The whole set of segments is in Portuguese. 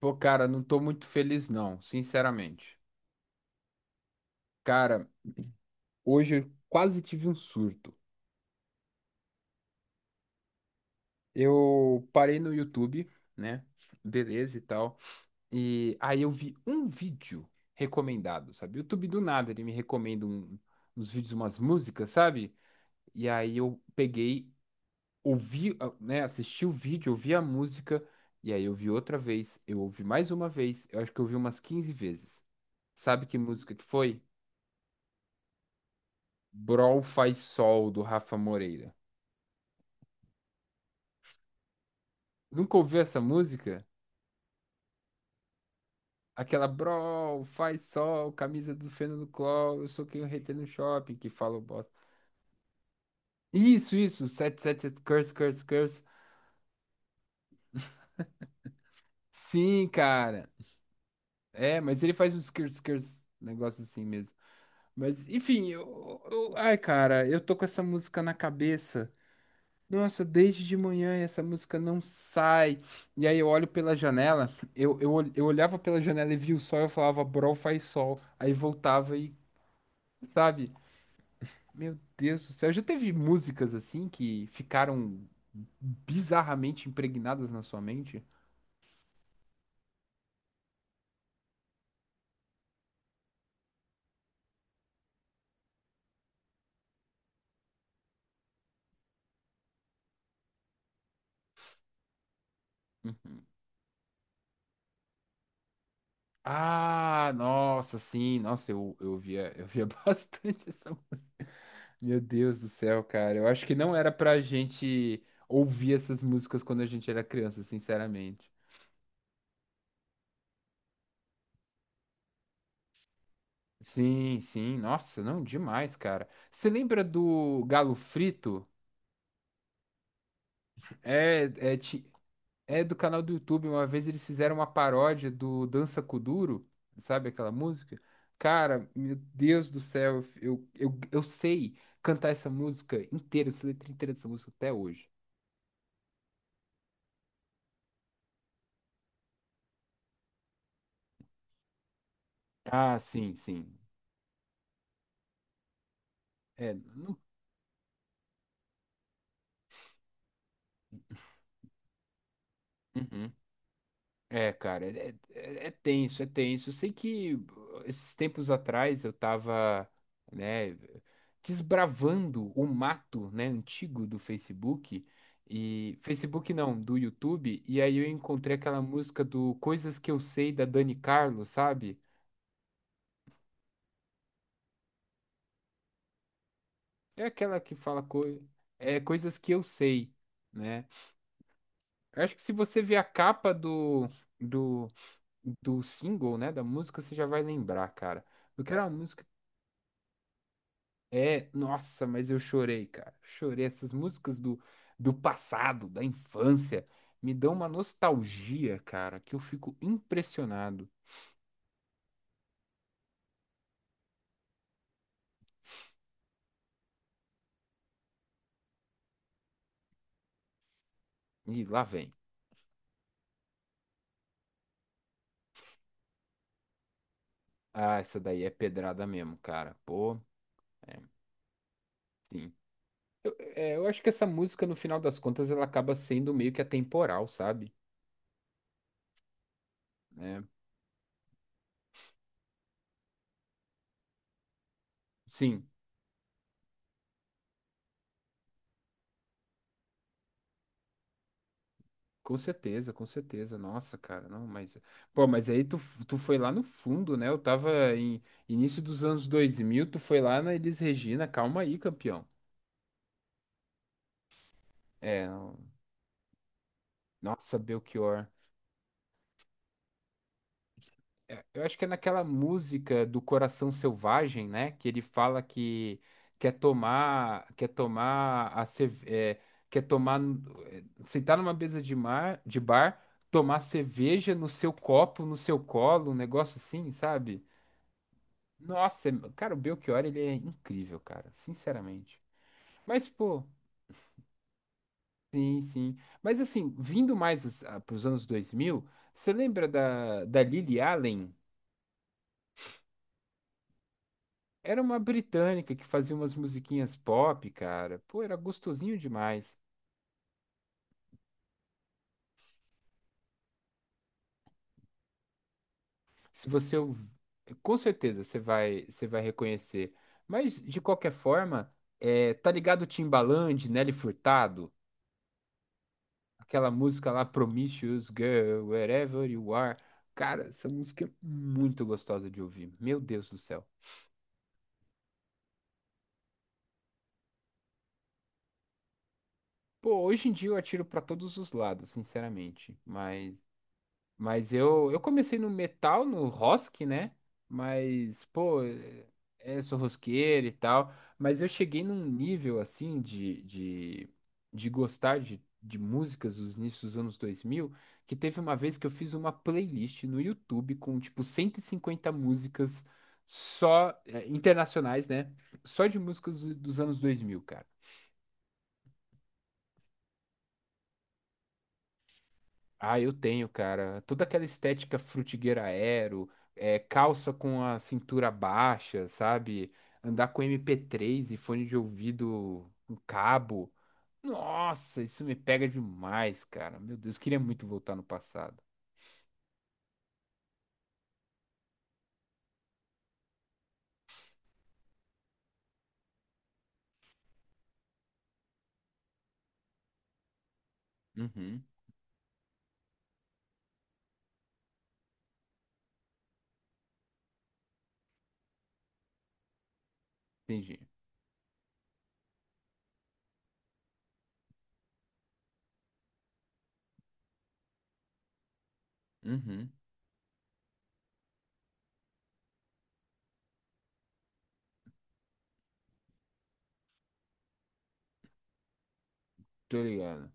Pô, cara, não tô muito feliz, não, sinceramente. Cara, hoje eu quase tive um surto. Eu parei no YouTube, né? Beleza e tal. E aí eu vi um vídeo recomendado, sabe? YouTube do nada, ele me recomenda uns vídeos, umas músicas, sabe? E aí eu peguei, ouvi, ah, né? Assisti o vídeo, ouvi a música, e aí eu vi outra vez, eu ouvi mais uma vez, eu acho que eu ouvi umas 15 vezes. Sabe que música que foi? Brol Faz Sol, do Rafa Moreira. Nunca ouviu essa música? Aquela Brol Faz Sol, camisa do Fernando Cló, eu sou quem eu retei no shopping, que fala o bosta. Isso, 77 Curse, Curse, Curse. Sim, cara. É, mas ele faz uns Curse, Curse, negócio assim mesmo. Mas, enfim, ai, cara, eu tô com essa música na cabeça. Nossa, desde de manhã essa música não sai. E aí eu olho pela janela, eu olhava pela janela e via o sol, eu falava, bro, faz sol. Aí voltava e, sabe? Meu Deus do céu, já teve músicas assim que ficaram bizarramente impregnadas na sua mente? Uhum. Ah, nossa, sim, nossa, eu via bastante essa. Meu Deus do céu, cara, eu acho que não era pra gente ouvir essas músicas quando a gente era criança, sinceramente. Sim, sim, nossa, não, demais, cara. Você lembra do Galo Frito? É, é, é do canal do YouTube. Uma vez eles fizeram uma paródia do Dança com o Duro, sabe aquela música? Cara, meu Deus do céu, eu sei cantar essa música inteira, eu sei a letra inteira dessa música até hoje. Ah, sim, sim. É, não- Uhum. É, cara, é é- tenso, é tenso. Eu sei que esses tempos atrás eu tava, né, desbravando o mato, né, antigo do Facebook e Facebook não, do YouTube, e aí eu encontrei aquela música do Coisas que eu sei da Dani Carlos, sabe? É aquela que fala co... é coisas que eu sei, né? Eu acho que se você ver a capa do do do single, né, da música, você já vai lembrar, cara. Porque era uma música. É, nossa, mas eu chorei, cara. Chorei. Essas músicas do passado, da infância, me dão uma nostalgia, cara, que eu fico impressionado. E lá vem. Ah, essa daí é pedrada mesmo, cara. Pô, é, sim. Eu acho que essa música, no final das contas, ela acaba sendo meio que atemporal, sabe? É, sim. Com certeza, com certeza. Nossa, cara, não, mas. Pô, mas aí tu foi lá no fundo, né? Eu tava em início dos anos 2000, tu foi lá na Elis Regina, calma aí, campeão. É, nossa, Belchior. É, eu acho que é naquela música do Coração Selvagem, né? Que ele fala que quer tomar, quer tomar a cerve- é, quer tomar, sentar numa mesa de mar, de bar, tomar cerveja no seu copo, no seu colo, um negócio assim, sabe? Nossa, cara, o Belchior, ele é incrível, cara, sinceramente. Mas, pô, sim, sim. Mas, assim, vindo mais para os anos 2000, você lembra da Lily Allen? Era uma britânica que fazia umas musiquinhas pop, cara. Pô, era gostosinho demais. Se você... ouv- Com certeza você vai reconhecer. Mas, de qualquer forma, é, tá ligado o Timbaland, Nelly Furtado? Aquela música lá, Promiscuous Girl, Wherever You Are. Cara, essa música é muito gostosa de ouvir. Meu Deus do céu. Pô, hoje em dia eu atiro pra todos os lados, sinceramente. Mas eu comecei no metal, no rock, né? Mas, pô, sou rosqueiro e tal. Mas eu cheguei num nível, assim, de gostar de músicas dos inícios dos anos 2000 que teve uma vez que eu fiz uma playlist no YouTube com, tipo, 150 músicas só, internacionais, né? Só de músicas dos anos 2000. Ah, eu tenho, cara. Toda aquela estética frutigueira aero, calça com a cintura baixa, sabe? Andar com MP3, e fone de ouvido com cabo. Nossa, isso me pega demais, cara. Meu Deus, queria muito voltar no passado. Uhum, entendi. Uhum, tô ligado.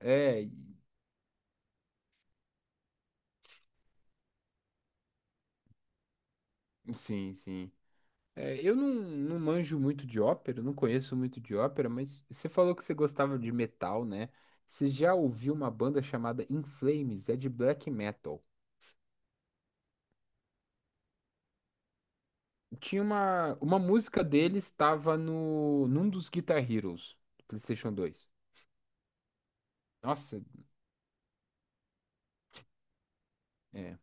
É, sim, sim. É, eu não manjo muito de ópera, não conheço muito de ópera, mas você falou que você gostava de metal, né? Você já ouviu uma banda chamada In Flames? É de black metal. Tinha uma música deles, estava no, num dos Guitar Heroes do PlayStation 2. Nossa, é.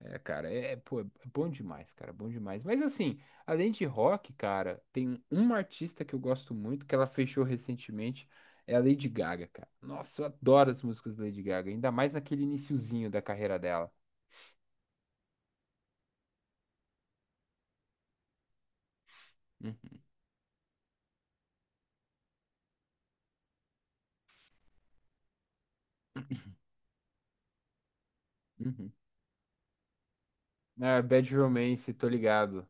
É, cara, pô, é bom demais, cara, bom demais. Mas assim, além de rock, cara, tem uma artista que eu gosto muito, que ela fechou recentemente, é a Lady Gaga, cara. Nossa, eu adoro as músicas da Lady Gaga, ainda mais naquele iniciozinho da carreira dela. Uhum, uhum. Ah, Bad Romance, tô ligado.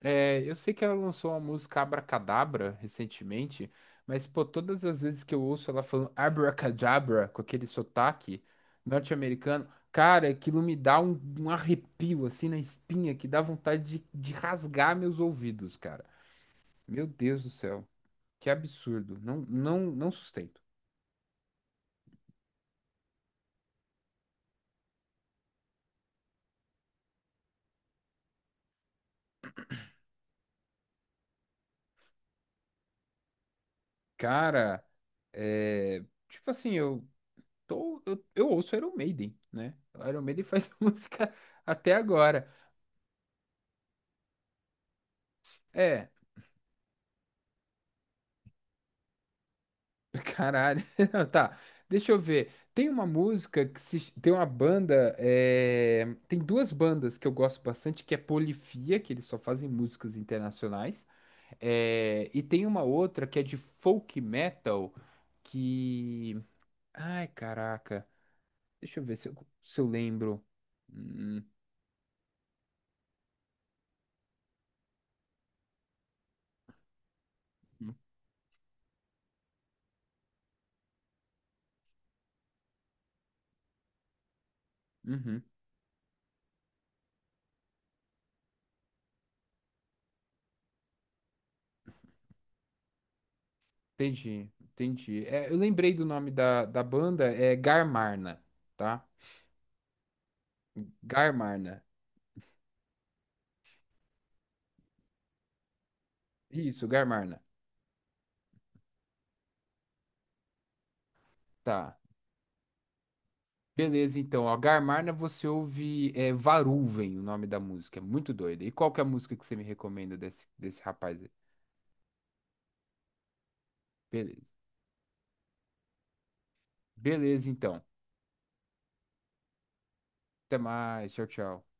É, eu sei que ela lançou uma música Abracadabra recentemente, mas pô, todas as vezes que eu ouço ela falando Abracadabra com aquele sotaque norte-americano, cara, aquilo me dá um arrepio assim na espinha que dá vontade de rasgar meus ouvidos, cara. Meu Deus do céu, que absurdo. Não, não, não sustento. Cara, é, tipo assim, eu ouço Iron Maiden, né? Iron Maiden faz música até agora. É, caralho. Não, tá, deixa eu ver. Tem uma música que se... Tem uma banda. Tem duas bandas que eu gosto bastante, que é Polifia, que eles só fazem músicas internacionais. E tem uma outra que é de folk metal, que. Ai, caraca. Deixa eu ver se eu lembro. Hum, hum, Uhum. Entendi, entendi. É, eu lembrei do nome da banda, é Garmarna, tá? Garmarna. Isso, Garmarna. Tá. Beleza, então, ó, Garmarna você ouve, Varuven, o nome da música, é muito doida. E qual que é a música que você me recomenda desse rapaz aí? Beleza. Beleza, então. Até mais, tchau, tchau.